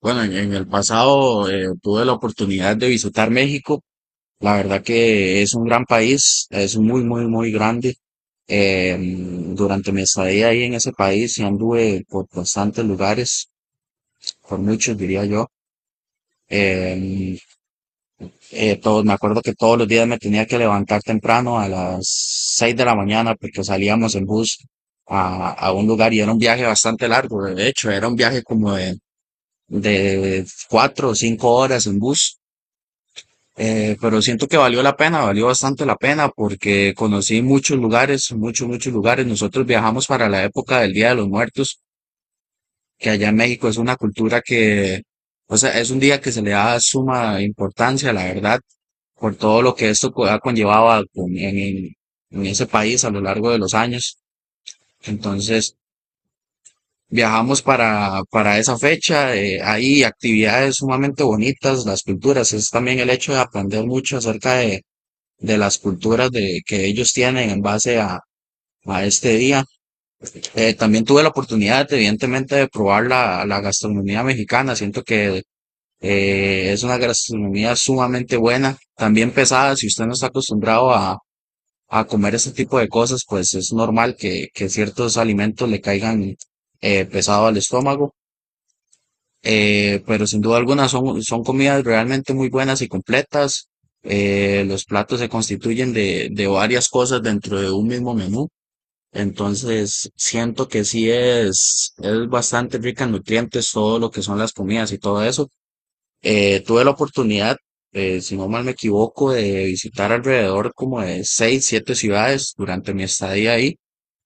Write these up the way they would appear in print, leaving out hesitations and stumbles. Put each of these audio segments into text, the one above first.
Bueno, en el pasado tuve la oportunidad de visitar México. La verdad que es un gran país, es muy, muy, muy grande. Eh, durante mi estadía ahí en ese país, y anduve por bastantes lugares, por muchos diría yo. Eh, Me acuerdo que todos los días me tenía que levantar temprano a las 6 de la mañana porque salíamos en bus a un lugar y era un viaje bastante largo. De hecho, era un viaje como de 4 o 5 horas en bus. Pero siento que valió la pena, valió bastante la pena porque conocí muchos lugares, muchos, muchos lugares. Nosotros viajamos para la época del Día de los Muertos, que allá en México es una cultura que, o sea, es un día que se le da suma importancia, la verdad, por todo lo que ha conllevado en ese país a lo largo de los años. Entonces, viajamos para esa fecha, hay actividades sumamente bonitas, las culturas, es también el hecho de aprender mucho acerca de las culturas de, que ellos tienen en base a este día. También tuve la oportunidad, evidentemente, de probar la gastronomía mexicana. Siento que es una gastronomía sumamente buena, también pesada. Si usted no está acostumbrado a comer ese tipo de cosas, pues es normal que ciertos alimentos le caigan pesado al estómago, pero sin duda alguna son, son comidas realmente muy buenas y completas. Los platos se constituyen de varias cosas dentro de un mismo menú. Entonces, siento que sí es bastante rica en nutrientes todo lo que son las comidas y todo eso. Tuve la oportunidad, si no mal me equivoco, de visitar alrededor como de seis, siete ciudades durante mi estadía ahí.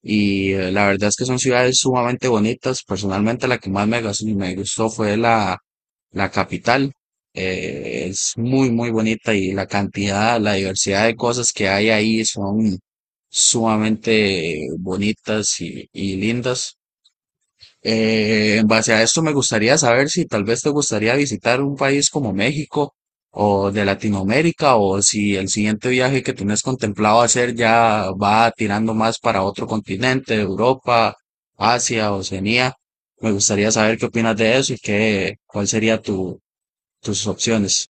Y la verdad es que son ciudades sumamente bonitas. Personalmente, la que más me gustó fue la capital. Es muy, muy bonita y la cantidad, la diversidad de cosas que hay ahí son sumamente bonitas y lindas. En base a esto me gustaría saber si tal vez te gustaría visitar un país como México o de Latinoamérica o si el siguiente viaje que tienes contemplado hacer ya va tirando más para otro continente, Europa, Asia, Oceanía. Me gustaría saber qué opinas de eso y qué, cuál sería tu, tus opciones.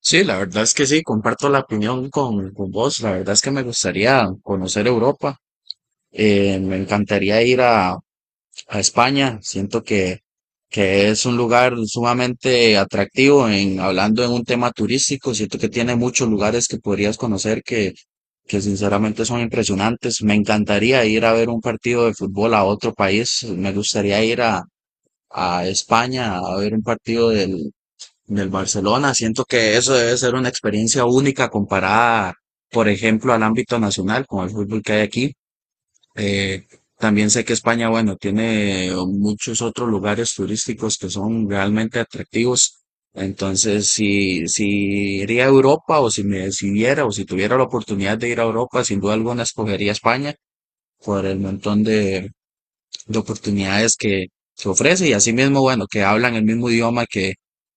Sí, la verdad es que sí, comparto la opinión con vos. La verdad es que me gustaría conocer Europa. Me encantaría ir a España. Siento que es un lugar sumamente atractivo en hablando en un tema turístico. Siento que tiene muchos lugares que podrías conocer que sinceramente son impresionantes. Me encantaría ir a ver un partido de fútbol a otro país. Me gustaría ir a España a ver un partido del Barcelona. Siento que eso debe ser una experiencia única comparada, por ejemplo, al ámbito nacional con el fútbol que hay aquí. Eh, También sé que España, bueno, tiene muchos otros lugares turísticos que son realmente atractivos. Entonces, si iría a Europa o si me decidiera o si tuviera la oportunidad de ir a Europa, sin duda alguna escogería España por el montón de oportunidades que ofrece y asimismo, bueno, que hablan el mismo idioma que,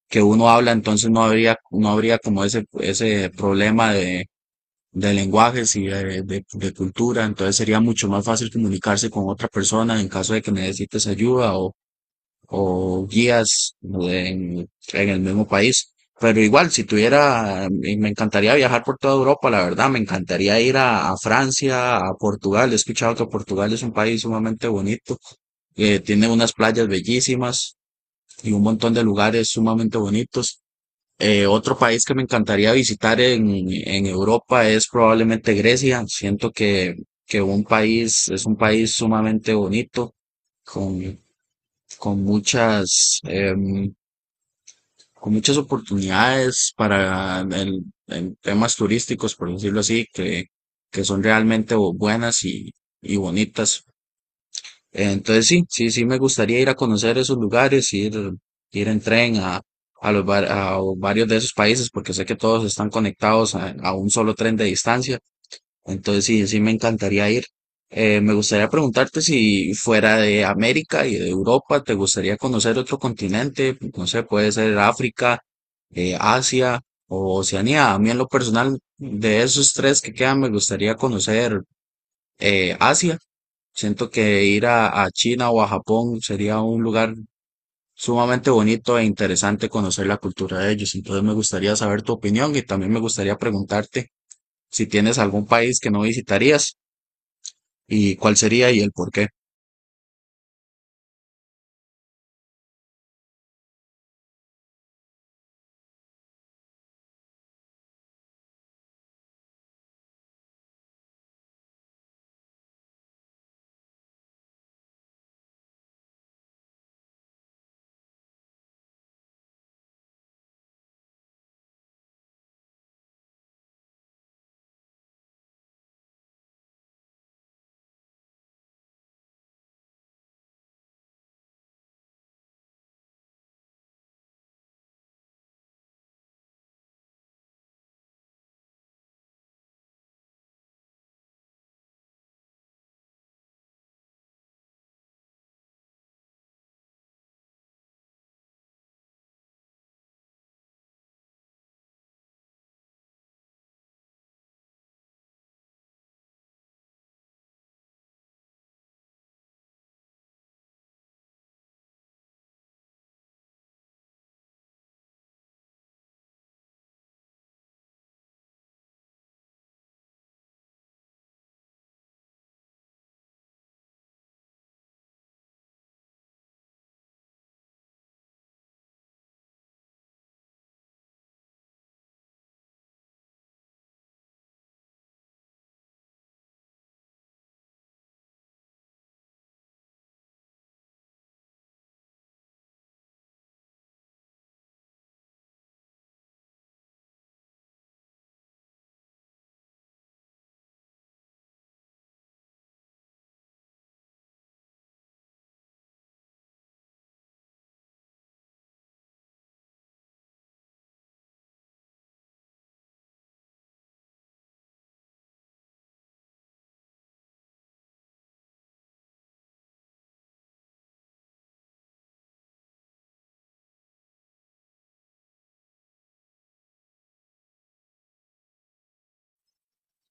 que uno habla, entonces no habría, no habría como ese problema de lenguajes y de cultura, entonces sería mucho más fácil comunicarse con otra persona en caso de que necesites ayuda o guías en el mismo país. Pero igual, si tuviera, y me encantaría viajar por toda Europa, la verdad, me encantaría ir a Francia, a Portugal. He escuchado que Portugal es un país sumamente bonito, tiene unas playas bellísimas y un montón de lugares sumamente bonitos. Otro país que me encantaría visitar en Europa es probablemente Grecia. Siento que un país, es un país sumamente bonito, con, con muchas, em, con muchas oportunidades para el, en temas turísticos, por decirlo así, que son realmente bu- buenas y bonitas. Entonces sí, sí, sí me gustaría ir a conocer esos lugares, ir, ir en tren a los a varios de esos países, porque sé que todos están conectados a un solo tren de distancia. Entonces sí, sí me encantaría ir. Me gustaría preguntarte si fuera de América y de Europa, ¿te gustaría conocer otro continente? No sé, puede ser África, Asia o Oceanía. A mí en lo personal, de esos tres que quedan, me gustaría conocer Asia. Siento que ir a China o a Japón sería un lugar sumamente bonito e interesante conocer la cultura de ellos. Entonces me gustaría saber tu opinión y también me gustaría preguntarte si tienes algún país que no visitarías y cuál sería y el por qué.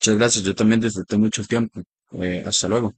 Muchas gracias, yo también disfruté mucho el tiempo. Hasta luego.